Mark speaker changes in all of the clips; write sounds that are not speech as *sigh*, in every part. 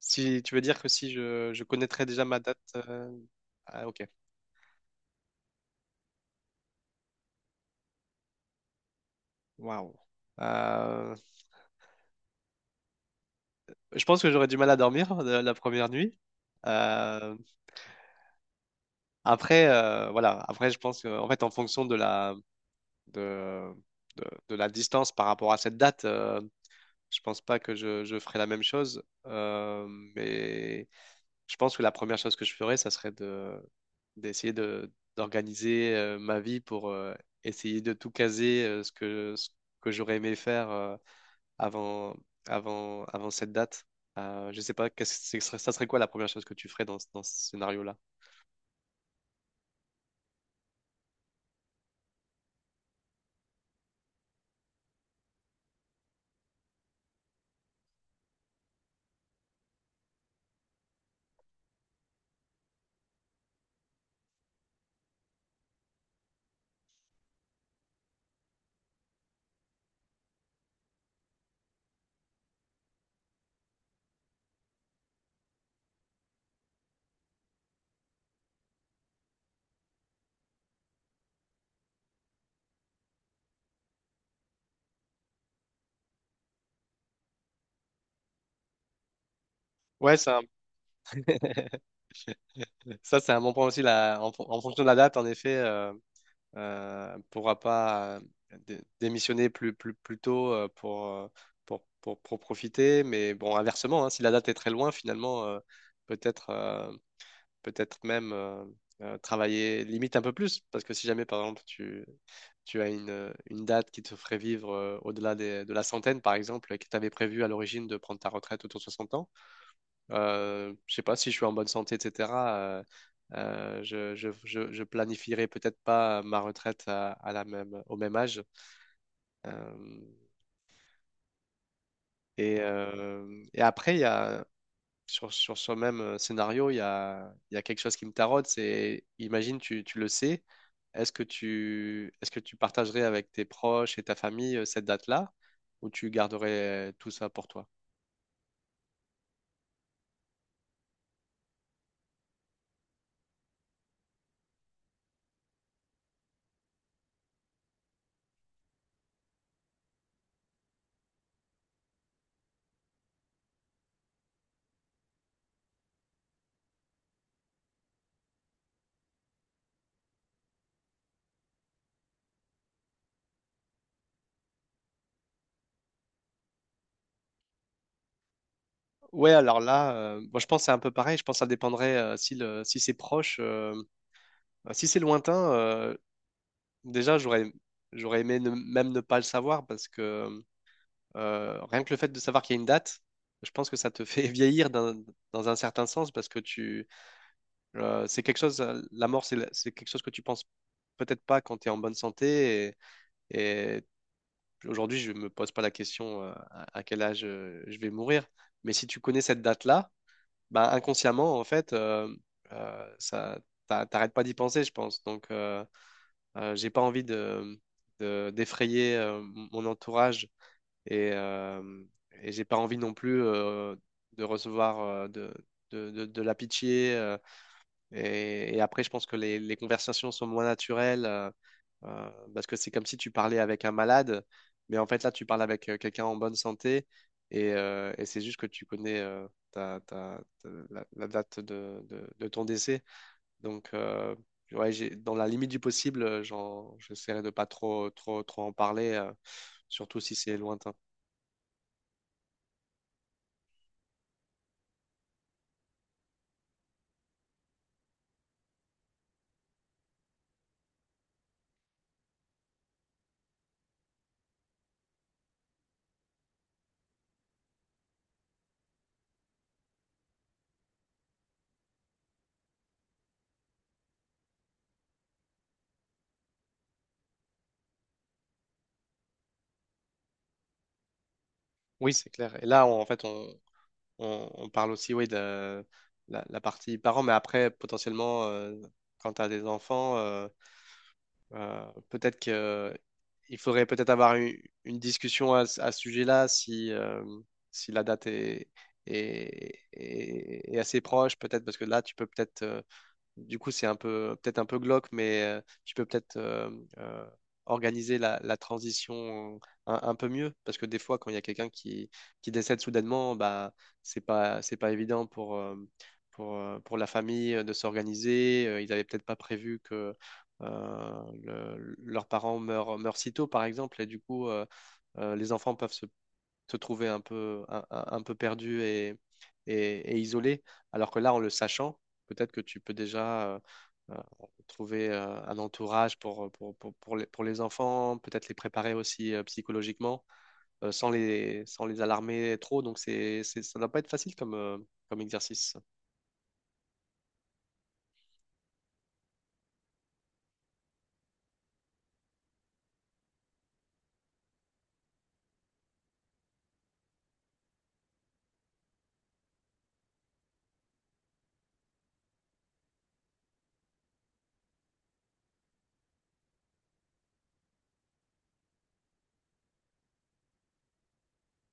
Speaker 1: Si tu veux dire que si je connaîtrais déjà ma date. Ah, ok. Waouh. Euh, Je pense que j'aurais du mal à dormir la première nuit. Euh, Après, voilà. Après, je pense que, en fait, en fonction de, de la distance par rapport à cette date, je pense pas que je ferais la même chose. Mais. Je pense que la première chose que je ferais, ça serait de d'essayer de d'organiser ma vie pour essayer de tout caser ce que j'aurais aimé faire avant avant cette date. Je sais pas, qu'est-ce que ce serait- ça serait quoi la première chose que tu ferais dans ce scénario-là? Ouais, ça c'est un bon point aussi. En fonction de la date, en effet, pourra pas démissionner plus tôt euh, pour pour profiter. Mais bon, inversement, hein, si la date est très loin, finalement, peut-être euh, peut-être même travailler limite un peu plus. Parce que si jamais, par exemple, tu as une date qui te ferait vivre euh, de la centaine, par exemple, et que tu avais prévu à l'origine de prendre ta retraite autour de 60 ans, je sais pas si je suis en bonne santé, etc. euh, je planifierai peut-être pas ma retraite à la même, au même âge. Euh, et après, il y a, sur, sur ce même scénario, il y a quelque chose qui me taraude, c'est, imagine, tu le sais, est-ce que tu partagerais avec tes proches et ta famille cette date-là, ou tu garderais tout ça pour toi? Ouais, alors là, moi je pense que c'est un peu pareil. Je pense que ça dépendrait euh, si c'est proche. Si c'est lointain, déjà, j'aurais aimé même ne pas le savoir parce que rien que le fait de savoir qu'il y a une date, je pense que ça te fait *laughs* dans un certain sens parce que tu c'est quelque chose, la mort, c'est quelque chose que tu penses peut-être pas quand tu es en bonne santé et aujourd'hui, je me pose pas la question euh, à quel âge je vais mourir. Mais si tu connais cette date-là, bah, inconsciemment, en fait, euh, ça, t'arrêtes pas d'y penser, je pense. Donc, j'ai pas envie d'effrayer mon entourage et, euh, et j'ai pas envie non plus de recevoir euh, de la pitié. Et après, je pense que les conversations sont moins naturelles parce que c'est comme si tu parlais avec un malade, mais en fait là, tu parles avec quelqu'un en bonne santé et c'est juste que tu connais euh, la date de ton décès. Donc, ouais, dans la limite du possible, euh, j'essaierai de pas trop en parler, surtout si c'est lointain. Oui, c'est clair. Et là, on- en fait, on parle aussi, oui, la partie parents, mais après, potentiellement, quand tu as des enfants, peut-être que il faudrait peut-être avoir une discussion à ce sujet-là si, si la date est assez proche, peut-être, parce que là, tu peux peut-être du coup, c'est un peu, peut-être un peu glauque, mais tu peux peut-être euh, organiser la transition un peu mieux, parce que des fois, quand il y a quelqu'un qui décède soudainement, bah, c'est pas évident pour la famille de s'organiser. Ils n'avaient peut-être pas prévu que euh, leurs parents meurent si tôt, par exemple, et du coup, les enfants peuvent se se trouver un peu, un peu perdu et, et isolé. Alors que là, en le sachant, peut-être que tu peux déjà euh, trouver un entourage pour les enfants, peut-être les préparer aussi psychologiquement, euh, sans les alarmer trop. Donc, ça ne doit pas être facile comme, comme exercice.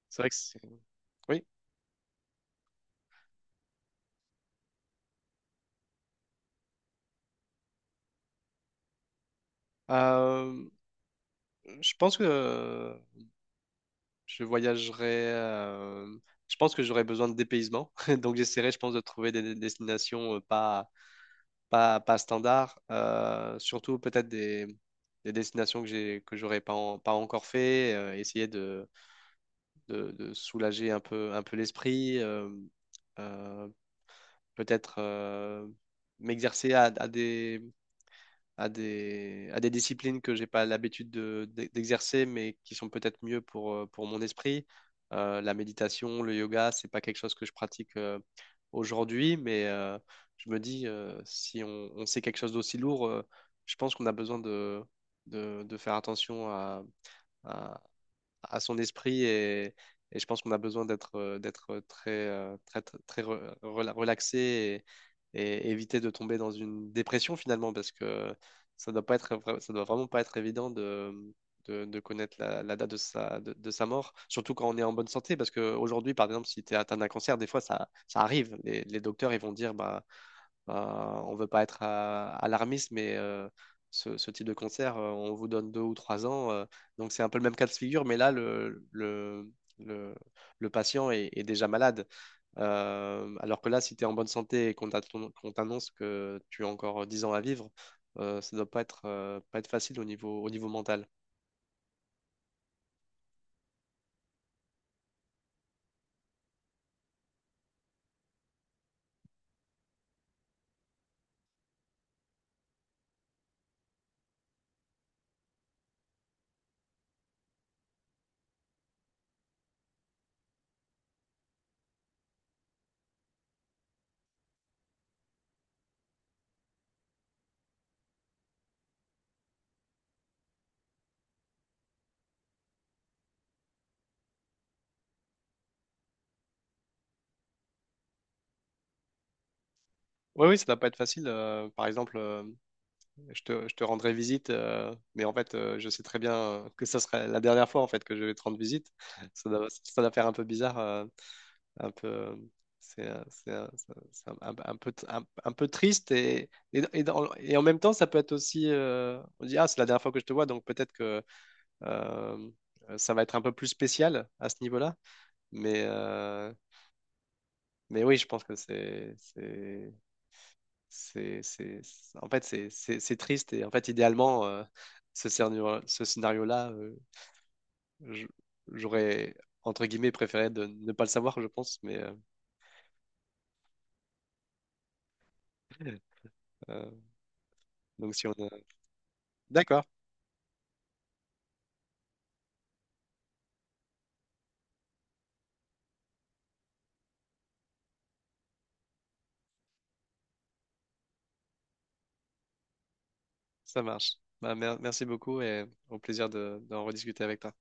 Speaker 1: C'est vrai que c'est... Oui. Euh, je pense que je voyagerai. euh, je pense que j'aurais besoin de dépaysement. *laughs* Donc, j'essaierai, je pense, de trouver des destinations euh, pas standard, surtout peut-être des destinations que j'aurais pas, pas encore fait, essayer de soulager un peu l'esprit, euh, peut-être m'exercer à des disciplines que j'ai pas l'habitude d'exercer, mais qui sont peut-être mieux pour mon esprit. La méditation, le yoga, c'est pas quelque chose que je pratique aujourd'hui, mais je me dis, si on, on sait quelque chose d'aussi lourd, je pense qu'on a besoin de faire attention à, à son esprit et je pense qu'on a besoin d'être très relaxé et éviter de tomber dans une dépression finalement, parce que ça doit vraiment pas être évident de connaître la date de sa mort, surtout quand on est en bonne santé, parce qu'aujourd'hui, par exemple, si tu es atteint d'un cancer, des fois ça arrive. Les docteurs, ils vont dire, bah, on veut pas être alarmiste, mais euh, ce type de cancer, on vous donne deux ou trois ans. Donc c'est un peu le même cas de figure, mais là, le, le patient est, est déjà malade. Alors que là, si tu es en bonne santé et qu'on t'annonce que tu as encore 10 ans à vivre, ça doit pas être, pas être facile au niveau mental. Oui, oui, ça doit pas être facile. Par exemple, euh, je te rendrai visite, mais en fait, je sais très bien que ça serait la dernière fois en fait que je vais te rendre visite. Ça doit faire un peu bizarre, un peu, c'est un peu triste et en même temps, ça peut être aussi, on dit ah, c'est la dernière fois que je te vois, donc peut-être que Euh, ça va être un peu plus spécial à ce niveau-là. Mais, oui, je pense que c'est- en fait, c'est triste. Et en fait, idéalement, ce scénario-là, je- j'aurais, entre guillemets, préféré de ne pas le savoir, je pense. Mais, euh, donc, si on a- d'accord, ça marche. Bah, merci beaucoup et au plaisir d'en rediscuter avec toi.